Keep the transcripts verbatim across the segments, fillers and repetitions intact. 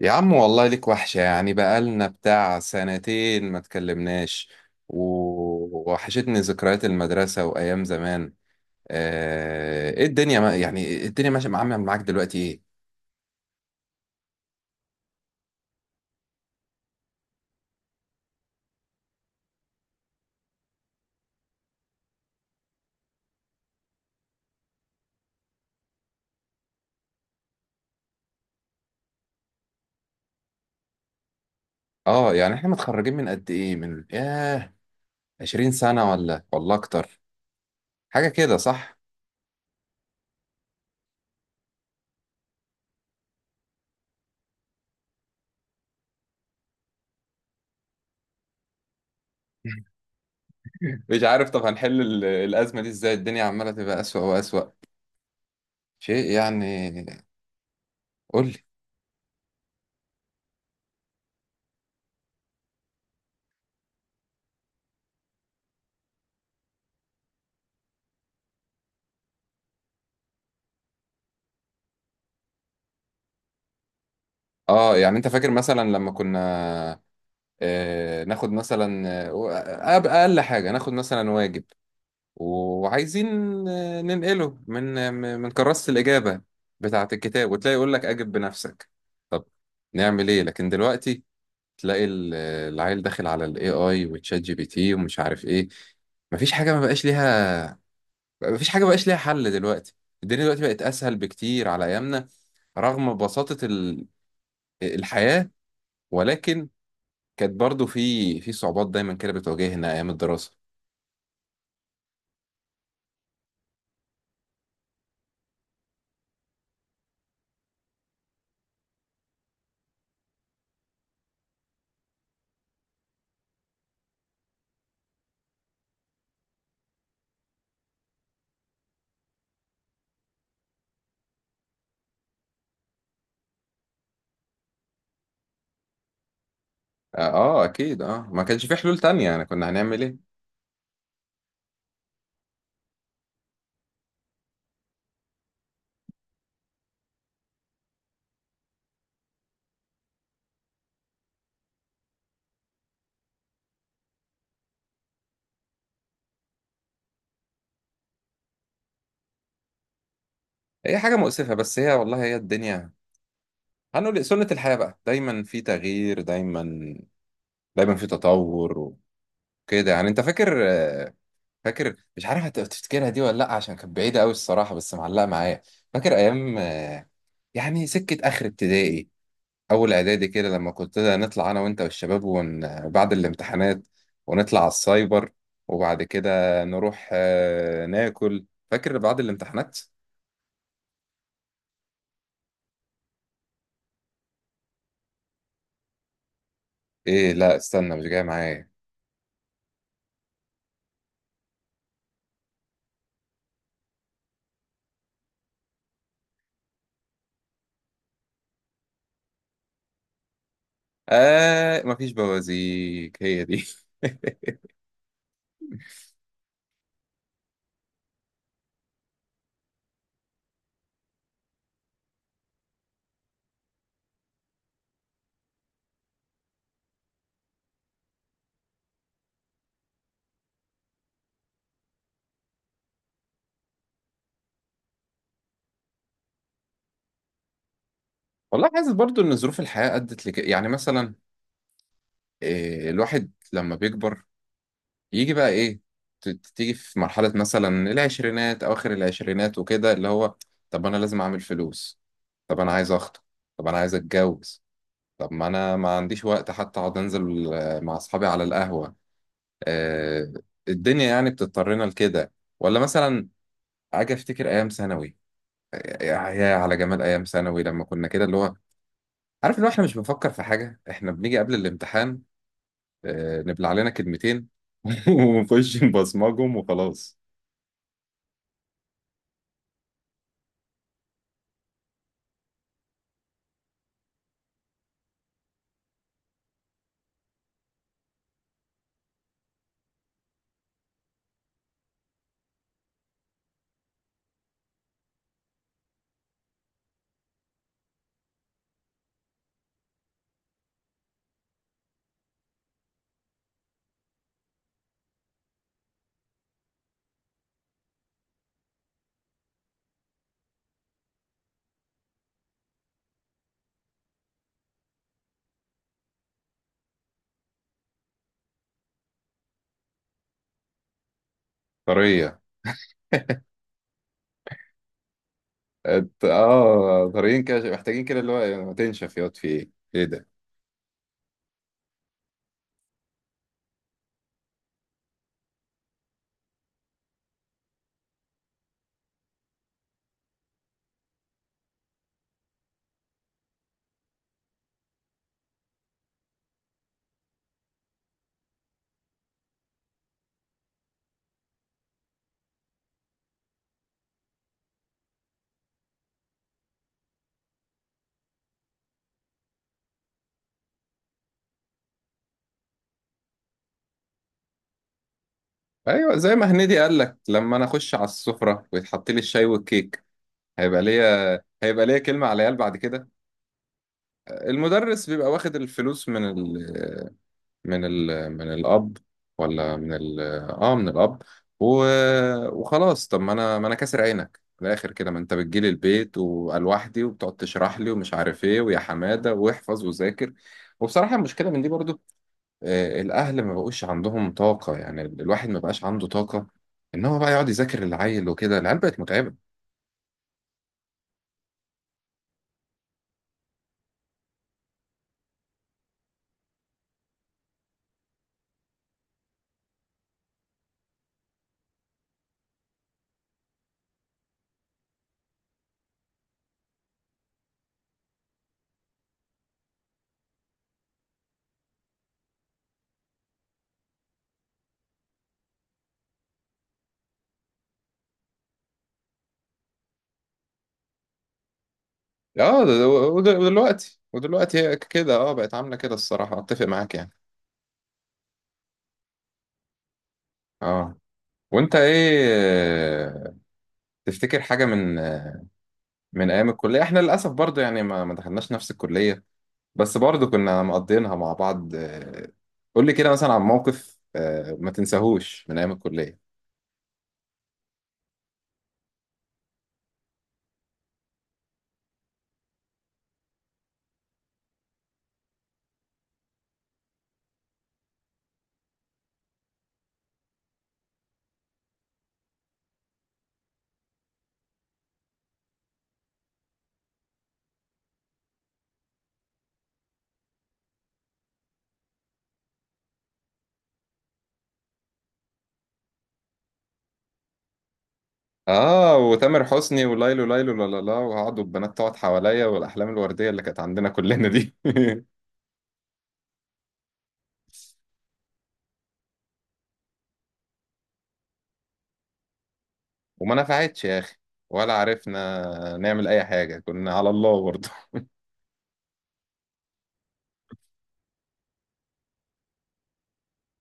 يا عم والله ليك وحشة، يعني بقالنا بتاع سنتين ما تكلمناش. و- ووحشتني ذكريات المدرسة وأيام زمان. آه، إيه الدنيا، ما يعني الدنيا ماشية مع- عاملة معاك دلوقتي إيه؟ آه يعني إحنا متخرجين من قد إيه؟ من ياه، عشرين سنة ولا ولا أكتر، حاجة كده صح؟ مش عارف، طب هنحل ال- الأزمة دي إزاي؟ الدنيا عمالة تبقى أسوأ وأسوأ شيء يعني. قول لي. آه يعني أنت فاكر مثلا لما كنا، آه، ناخد مثلا، آه، أب- اقل حاجه ناخد مثلا واجب وعايزين، آه، ننقله من آه، من كراسه الاجابه بتاعه الكتاب، وتلاقي يقول لك اجب بنفسك. طب نعمل ايه؟ لكن دلوقتي تلاقي ال- العيل داخل على الاي اي وتشات جي بي تي ومش عارف ايه. مفيش حاجه ما بقاش ليها، مفيش حاجه ما بقاش ليها حل دلوقتي. الدنيا دلوقتي بقت اسهل بكتير على ايامنا، رغم بساطه ال- الحياه، ولكن كانت برضو في في صعوبات دايما كده بتواجهنا ايام الدراسه. اه آه، اكيد، اه ما كانش في حلول تانية يعني، كنا هنعمل ايه؟ هي حاجه مؤسفه، بس هي والله هي الدنيا، هنقول إيه، سنه الحياه بقى، دايما في تغيير، دايما دايما في تطور وكده يعني. انت فاكر آه، فاكر، مش عارف هت- تفتكرها دي ولا لا، عشان كانت بعيده قوي الصراحه بس معلقه معايا. فاكر ايام آه، يعني سكه اخر ابتدائي، اول اعدادي كده، لما كنت نطلع انا وانت والشباب ون... بعد الامتحانات، ونطلع على السايبر وبعد كده نروح آه، ناكل. فاكر بعد الامتحانات؟ ايه، لا استنى مش جاي معايا. آه مفيش بوازيك، هي دي. والله حاسس برضو ان ظروف الحياة ادت لك يعني. مثلا آه، الواحد لما بيكبر يجي بقى ايه، ت- ت- تيجي في مرحلة مثلا العشرينات، أواخر العشرينات وكده، اللي هو طب أنا لازم أعمل فلوس، طب أنا عايز أخطب، طب أنا عايز أتجوز، طب ما أنا ما عنديش وقت حتى أقعد أنزل آه، مع أصحابي على القهوة. آه، الدنيا يعني بتضطرنا لكده. ولا مثلا أجي أفتكر أيام ثانوي، يا يا على جمال أيام ثانوي، لما كنا كده اللي هو، عارف اللي هو إحنا مش بنفكر في حاجة، إحنا بنيجي قبل الامتحان آه، نبلع لنا كلمتين ونخش نبصمجهم وخلاص. طرية، ات- اه طريقين كده، محتاجين كده اللي هو إيه، ما تنشف ياض في ايه، ايه ده. ايوه زي ما هنيدي قال لك، لما انا اخش على السفره ويتحط لي الشاي والكيك، هيبقى ليا هيبقى ليا كلمه على العيال بعد كده. المدرس بيبقى واخد الفلوس من ال... من ال... من الاب، ولا من ال... اه من الاب، و... وخلاص. طب ما انا، ما انا كاسر عينك في الاخر كده، ما انت بتجيلي البيت وأنا لوحدي، وبتقعد تشرح لي ومش عارف ايه، ويا حماده واحفظ وذاكر. وبصراحه المشكله من دي برضو، آه، الاهل ما بقوش عندهم طاقه، يعني الواحد ما بقاش عنده طاقه ان هو بقى يقعد يذاكر العيل، وكده العيال بقت متعبه. اه ده- وده- ودلوقتي، ودلوقتي هي كده، اه بقت عامله كده الصراحه، اتفق معاك يعني. اه، وانت ايه آه، تفتكر حاجه من آه، من ايام الكليه؟ احنا للاسف برضو يعني ما ما دخلناش نفس الكليه، بس برضو كنا مقضينها مع بعض. آه، قول لي كده مثلا عن موقف آه، ما تنساهوش من ايام الكليه. اه وتامر حسني وليلو ليلو، لا لا لا، وقعدوا البنات تقعد حواليا، والاحلام الورديه اللي كانت عندنا كلنا دي. وما نفعتش يا اخي، ولا عرفنا نعمل اي حاجه، كنا على الله برضه.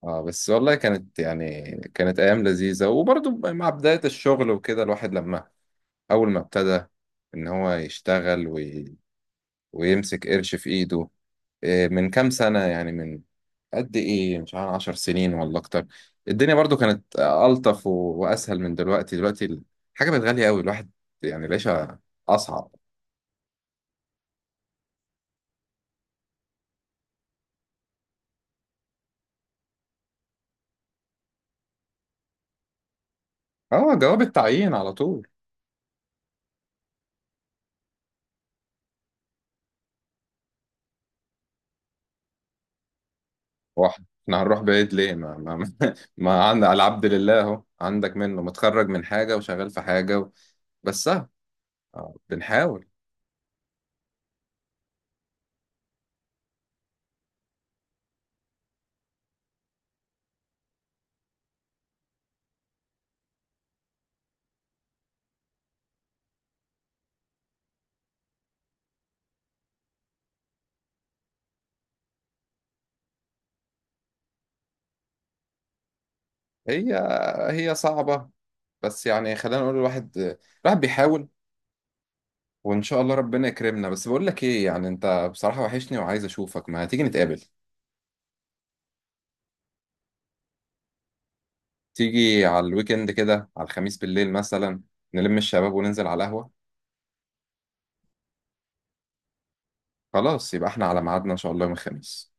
اه بس والله كانت يعني كانت ايام لذيذه. وبرضه مع بدايه الشغل وكده، الواحد لما اول ما ابتدى ان هو يشتغل وي... ويمسك قرش في ايده، إيه، من كام سنه يعني، من قد ايه، مش عارف، عشر سنين ولا اكتر، الدنيا برضو كانت الطف و... واسهل من دلوقتي. دلوقتي الحاجه بقت غاليه قوي، الواحد يعني العيشه اصعب. اه، جواب التعيين على طول. هو احنا هنروح بعيد ليه؟ ما ما ما, ما عند على العبد لله اهو، عندك منه متخرج من حاجه وشغال في حاجه و... بس اه آه، بنحاول. هي هي صعبه، بس يعني خلينا نقول، الواحد، الواحد بيحاول، وان شاء الله ربنا يكرمنا. بس بقول لك ايه يعني، انت بصراحه وحشني وعايز اشوفك، ما هتيجي نتقابل؟ تيجي على الويكند كده، على الخميس بالليل مثلا، نلم الشباب وننزل على القهوة. خلاص، يبقى احنا على ميعادنا ان شاء الله يوم الخميس.